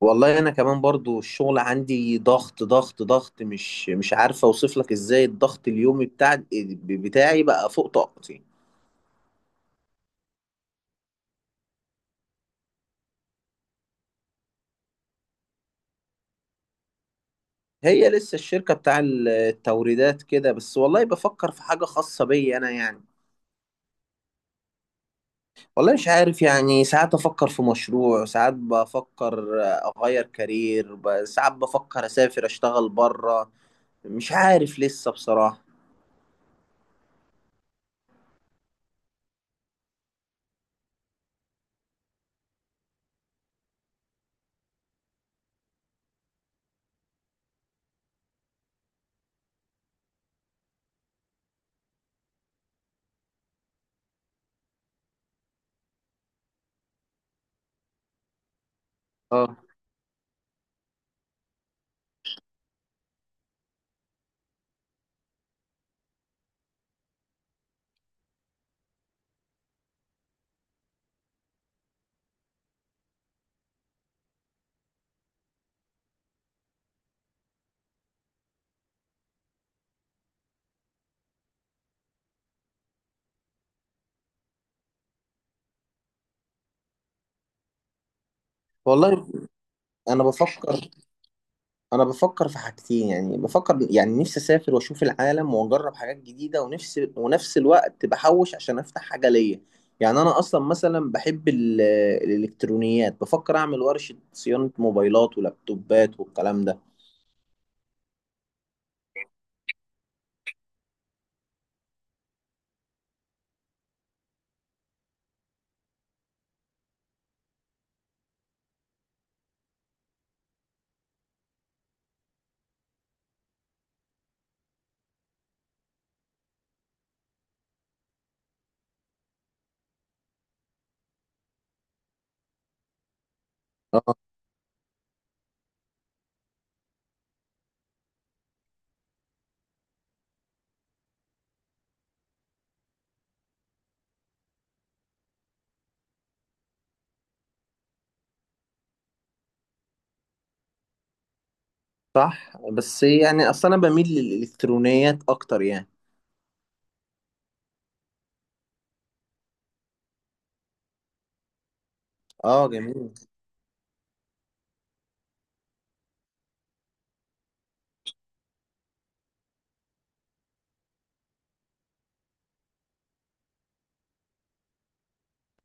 والله انا كمان برضو الشغل عندي ضغط ضغط ضغط، مش عارفه اوصف لك ازاي الضغط اليومي بتاعي بقى فوق طاقتي. هي لسه الشركه بتاع التوريدات كده بس، والله بفكر في حاجه خاصه بيا انا يعني. والله مش عارف، يعني ساعات افكر في مشروع، ساعات بفكر اغير كارير، ساعات بفكر اسافر اشتغل بره. مش عارف لسه بصراحه. اه والله. انا بفكر انا بفكر في حاجتين، يعني بفكر، يعني نفسي اسافر واشوف العالم واجرب حاجات جديده، ونفسي ونفس الوقت بحوش عشان افتح حاجه ليا. يعني انا اصلا مثلا بحب الالكترونيات، بفكر اعمل ورشه صيانه موبايلات ولابتوبات والكلام ده. اه صح، بس يعني اصلا انا بميل للالكترونيات اكتر يعني. اه جميل.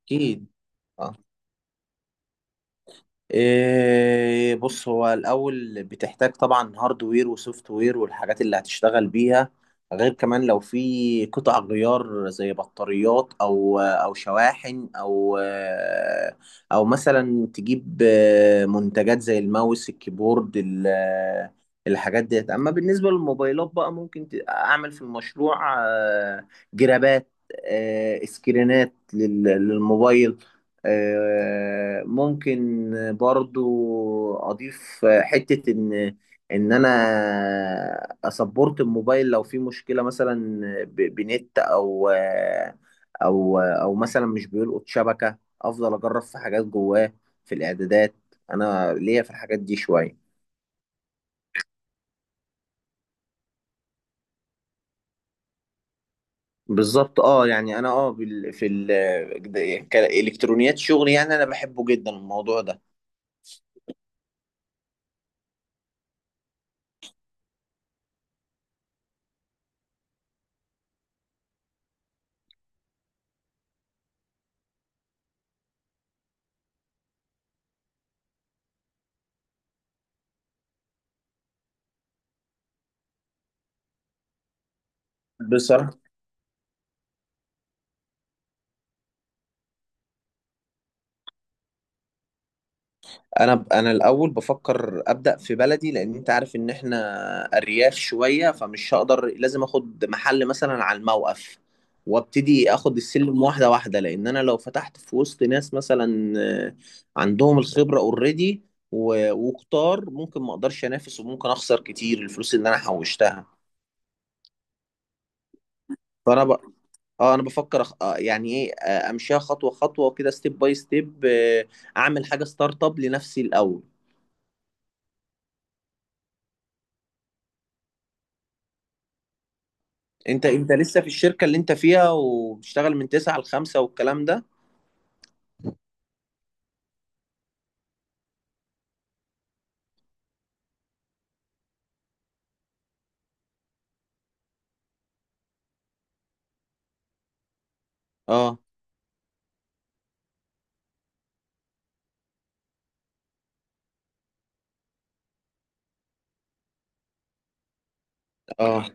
اكيد. آه. إيه بص، هو الأول بتحتاج طبعا هاردوير وسوفت وير والحاجات اللي هتشتغل بيها، غير كمان لو في قطع غيار زي بطاريات أو شواحن، أو أو مثلا تجيب منتجات زي الماوس، الكيبورد، الحاجات ديت. أما بالنسبة للموبايلات بقى، ممكن أعمل في المشروع جرابات، سكرينات للموبايل. ممكن برضو اضيف حتة ان انا اسبورت الموبايل لو في مشكلة، مثلا بنت، او او مثلا مش بيلقط شبكة، افضل اجرب في حاجات جواه، في الاعدادات. انا ليا في الحاجات دي شوية. بالظبط اه، يعني انا كالكترونيات شغلي يعني، انا بحبه جدا الموضوع ده. بصراحة، انا الاول بفكر ابدا في بلدي، لان انت عارف ان احنا ارياف شويه، فمش هقدر، لازم اخد محل مثلا على الموقف وابتدي اخد السلم واحده واحده. لان انا لو فتحت في وسط ناس مثلا آه، عندهم الخبره اوريدي وكتار، ممكن ما اقدرش انافس وممكن اخسر كتير الفلوس اللي انا حوشتها. فانا ب... اه انا بفكر، أخ... آه، يعني ايه، امشيها خطوه خطوه وكده، ستيب باي ستيب. اعمل حاجه ستارت اب لنفسي الاول. انت لسه في الشركة اللي انت فيها وبتشتغل من 9 ل 5 والكلام ده؟ اه، اه،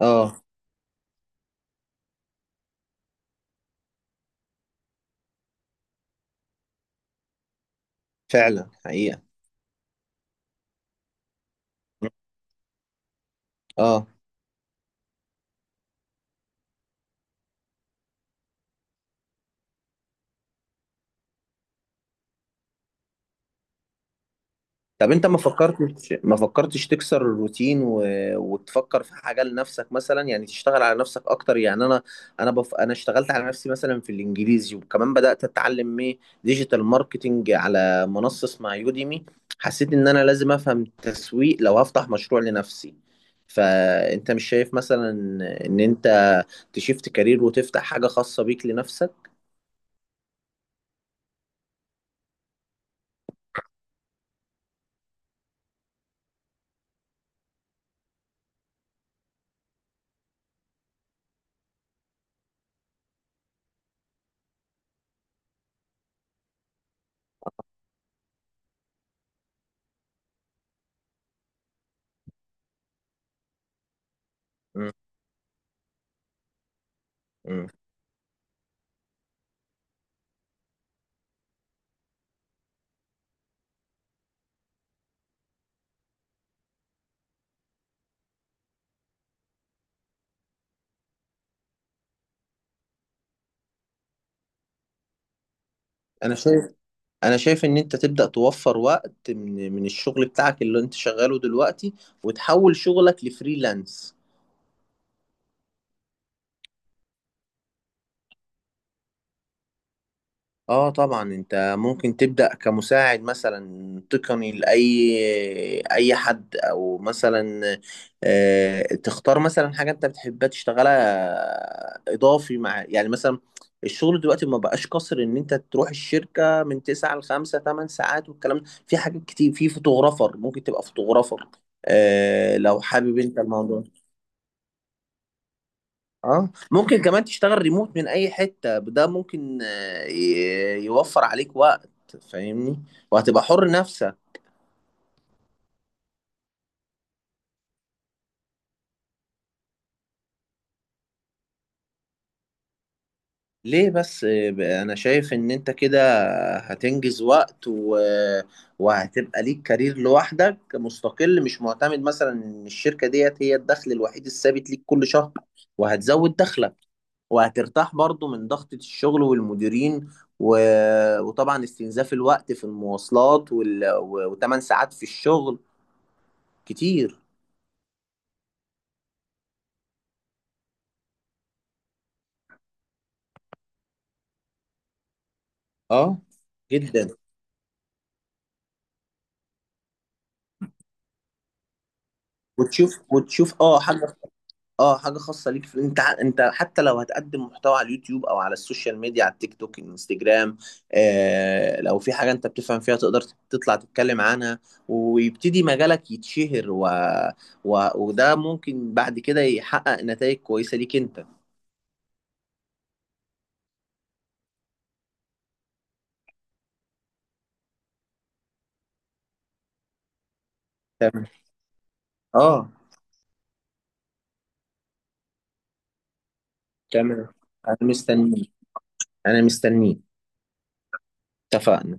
اه. فعلا حقيقة. اه طب انت ما فكرتش تكسر الروتين وتفكر في حاجه لنفسك مثلا، يعني تشتغل على نفسك اكتر، يعني انا اشتغلت على نفسي مثلا في الانجليزي، وكمان بدات اتعلم ايه، ديجيتال ماركتنج، على منصه اسمها يوديمي. حسيت ان انا لازم افهم تسويق لو هفتح مشروع لنفسي. فانت مش شايف مثلا ان انت تشيفت كارير وتفتح حاجه خاصه بيك لنفسك؟ مم. مم. انا شايف انا شايف ان انت تبدأ توفر وقت من الشغل بتاعك اللي انت شغاله دلوقتي، وتحول شغلك لفريلانس. اه طبعا، انت ممكن تبدأ كمساعد مثلا تقني لأي اي حد، او مثلا تختار مثلا حاجة انت بتحبها تشتغلها اضافي مع، يعني مثلا، الشغل دلوقتي ما بقاش قصر ان انت تروح الشركة من 9 ل 5، 8 ساعات والكلام ده. في حاجات كتير، في فوتوغرافر، ممكن تبقى فوتوغرافر لو حابب انت الموضوع. اه ممكن كمان تشتغل ريموت من اي حتة، ده ممكن يوفر عليك وقت. فاهمني؟ وهتبقى حر نفسك. ليه بس؟ انا شايف ان انت كده هتنجز وقت وهتبقى ليك كارير لوحدك، مستقل، مش معتمد مثلا ان الشركة ديت هي الدخل الوحيد الثابت ليك كل شهر. وهتزود دخلك، وهترتاح برضو من ضغطة الشغل والمديرين و... وطبعا استنزاف الوقت في المواصلات وتمن ساعات في الشغل كتير. اه جدا. وتشوف حاجه خاصه ليك في انت انت حتى لو هتقدم محتوى على اليوتيوب او على السوشيال ميديا، على التيك توك، الانستجرام. آه لو في حاجه انت بتفهم فيها، تقدر تطلع تتكلم عنها، ويبتدي مجالك يتشهر، وده ممكن بعد كده يحقق نتائج كويسه ليك انت. تمام. اه تمام، انا مستنيك، انا مستنيك. اتفقنا.